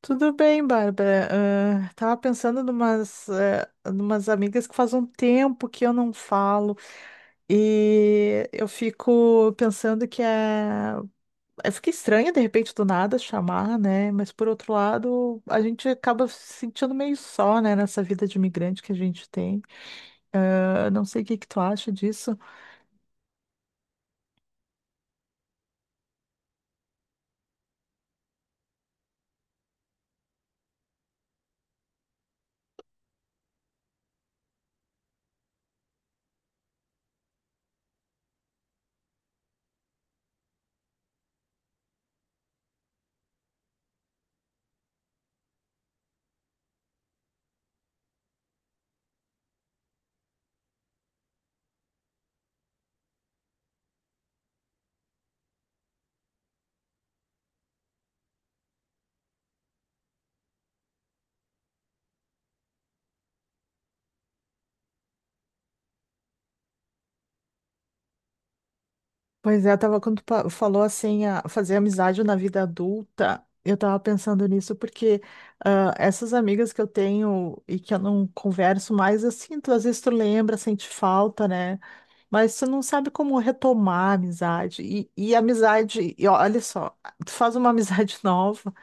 Tudo bem, Bárbara. Ah, tava pensando numas amigas que faz um tempo que eu não falo e eu fico pensando que fica estranho de repente do nada chamar, né? Mas por outro lado, a gente acaba se sentindo meio só, né, nessa vida de imigrante que a gente tem. Eu não sei o que que tu acha disso. Pois é, eu tava quando falou assim, fazer amizade na vida adulta, eu tava pensando nisso porque ah, essas amigas que eu tenho e que eu não converso mais, eu sinto, às vezes tu lembra, sente falta, né? Mas tu não sabe como retomar a amizade. E amizade, e olha só, tu faz uma amizade nova,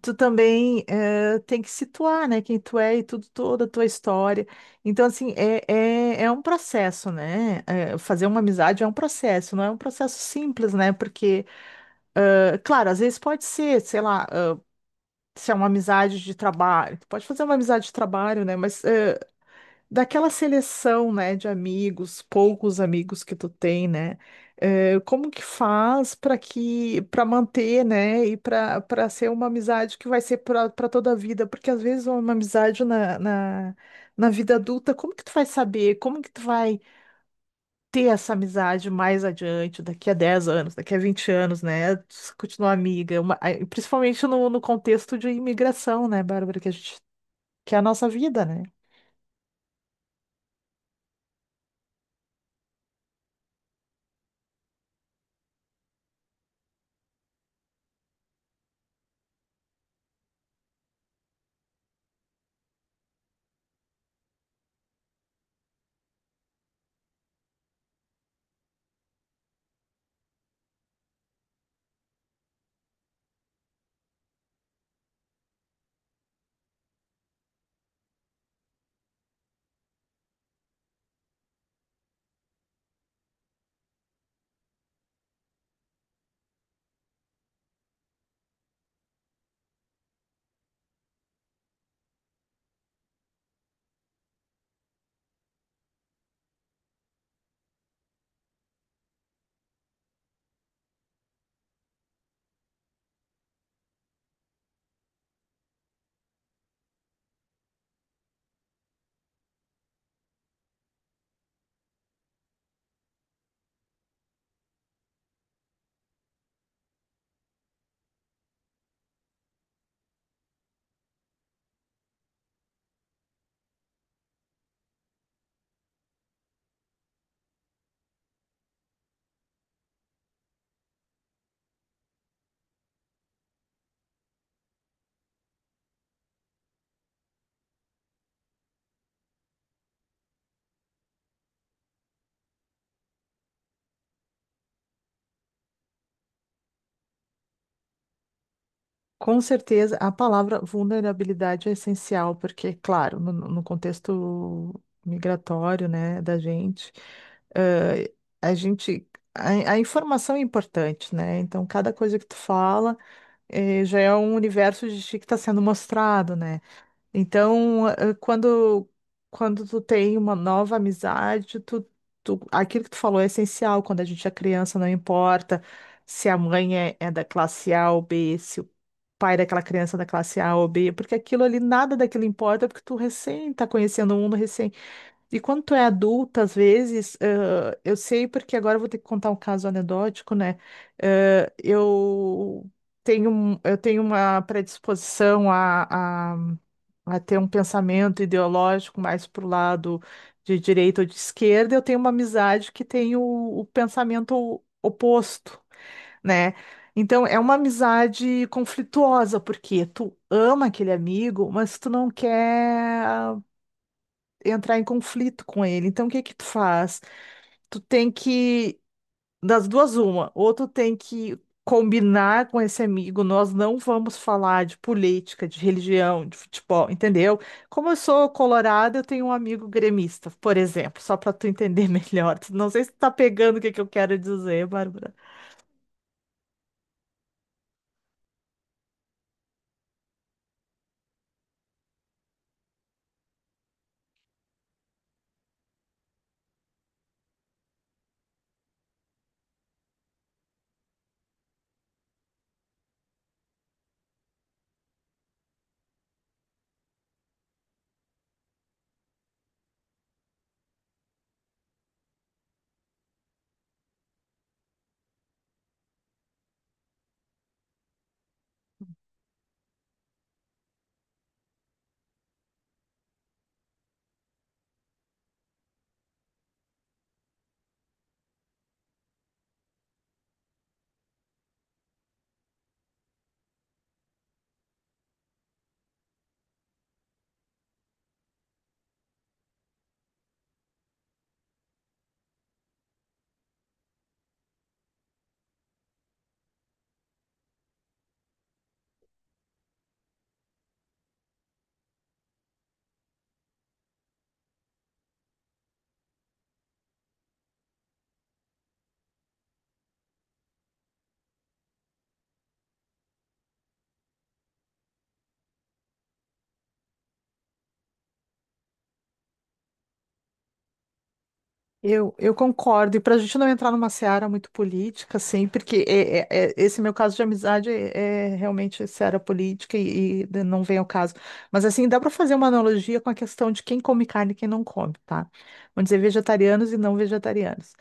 tu também tem que situar, né, quem tu é e tudo, toda a tua história. Então, assim, é um processo, né? Eh, fazer uma amizade é um processo, não é um processo simples, né? Porque, eh, claro, às vezes pode ser, sei lá, eh, se é uma amizade de trabalho, tu pode fazer uma amizade de trabalho, né? Mas eh, daquela seleção, né, de amigos, poucos amigos que tu tem, né? Eh, como que faz para manter, né, e para ser uma amizade que vai ser para toda a vida? Porque às vezes uma amizade na vida adulta, como que tu vai saber? Como que tu vai ter essa amizade mais adiante, daqui a 10 anos, daqui a 20 anos, né? se Continuar amiga, principalmente no contexto de imigração, né, Bárbara, que a gente que é a nossa vida, né? Com certeza, a palavra vulnerabilidade é essencial, porque, claro, no contexto migratório, né, da gente, eh, a gente, a informação é importante, né? Então, cada coisa que tu fala, eh, já é um universo de ti que está sendo mostrado, né? Então, quando tu tem uma nova amizade, aquilo que tu falou é essencial. Quando a gente é criança, não importa se a mãe é da classe A ou B, se o pai é daquela criança é da classe A ou B, porque aquilo ali, nada daquilo importa, porque tu recém tá conhecendo o mundo, e quando tu é adulta, às vezes, eh, eu sei porque agora eu vou ter que contar um caso anedótico, né? Eh, eu tenho uma predisposição a ter um pensamento ideológico mais pro lado de direita ou de esquerda. Eu tenho uma amizade que tem o pensamento oposto, né? Então, é uma amizade conflituosa, porque tu ama aquele amigo, mas tu não quer entrar em conflito com ele. Então, o que que tu faz? Tu tem que, das duas, uma, ou tu tem que combinar com esse amigo: nós não vamos falar de política, de religião, de futebol, entendeu? Como eu sou colorada, eu tenho um amigo gremista, por exemplo, só para tu entender melhor. Não sei se tu tá pegando o que que eu quero dizer, Bárbara. Eu concordo, e para a gente não entrar numa seara muito política, assim, porque esse meu caso de amizade é realmente seara política e não vem ao caso. Mas, assim, dá para fazer uma analogia com a questão de quem come carne e quem não come, tá? Vamos dizer vegetarianos e não vegetarianos.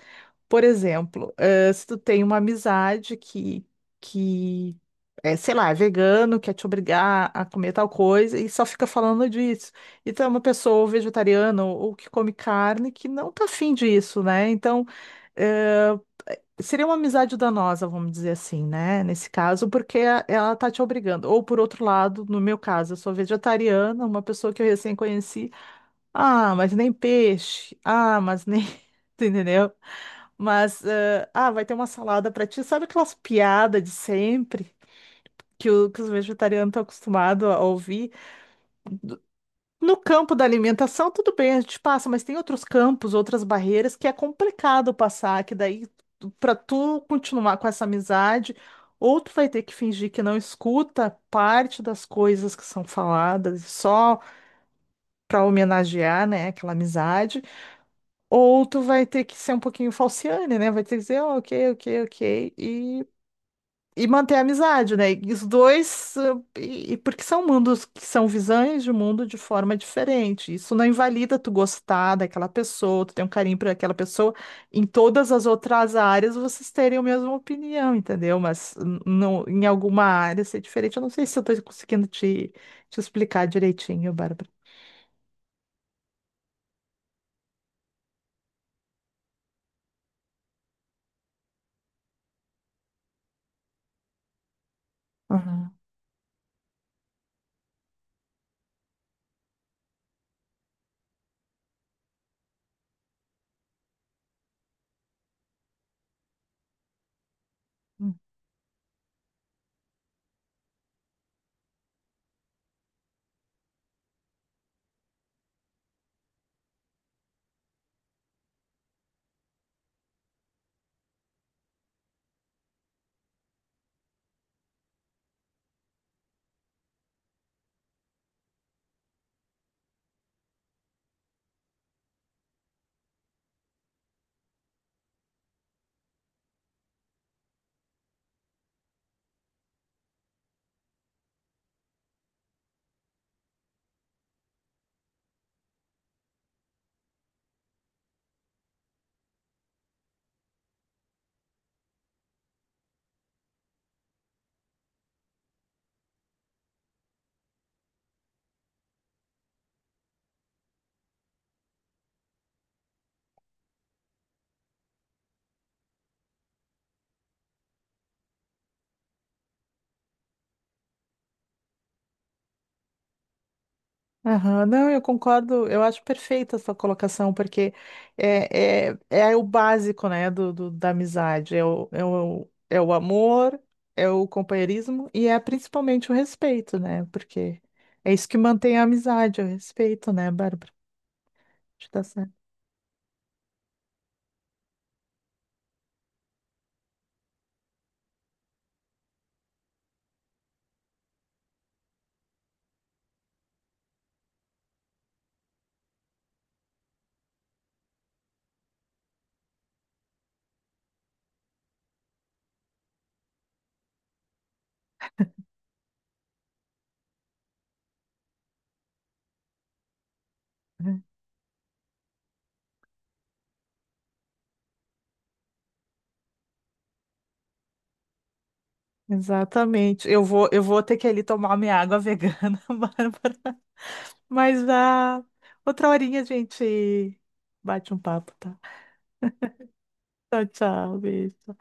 Por exemplo, eh, se tu tem uma amizade que é, sei lá, é vegano, quer te obrigar a comer tal coisa e só fica falando disso. E tu é uma pessoa vegetariana ou que come carne, que não tá afim disso, né? Então, eh, seria uma amizade danosa, vamos dizer assim, né? Nesse caso, porque ela tá te obrigando. Ou por outro lado, no meu caso, eu sou vegetariana, uma pessoa que eu recém conheci: "Ah, mas nem peixe. Ah, mas nem." tu Entendeu? Mas, vai ter uma salada pra ti. Sabe aquelas piadas de sempre que os vegetarianos estão acostumados a ouvir? Do- No campo da alimentação, tudo bem, a gente passa, mas tem outros campos, outras barreiras que é complicado passar, que daí, para tu continuar com essa amizade, ou tu vai ter que fingir que não escuta parte das coisas que são faladas, só para homenagear, né, aquela amizade. Ou tu vai ter que ser um pouquinho falciane, né? Vai ter que dizer, "Ah, ok, ok, ok." E manter a amizade, né? E os dois, e porque são mundos que são visões de um mundo de forma diferente. Isso não invalida tu gostar daquela pessoa, tu ter um carinho por aquela pessoa, em todas as outras áreas vocês terem a mesma opinião, entendeu? Mas não, em alguma área ser diferente. Eu não sei se eu estou conseguindo te explicar direitinho, Bárbara. Uhum. Aham, não, eu concordo, eu acho perfeita a sua colocação, porque é o básico, né, da amizade, é é o amor, é o companheirismo e é principalmente o respeito, né, porque é isso que mantém a amizade, é o respeito, né, Bárbara? Acho que tá certo. Uhum. Exatamente, eu vou ter que ir ali tomar minha água vegana, Bárbara, mas ah, outra horinha a gente bate um papo, tá? Tchau, tchau, beijo.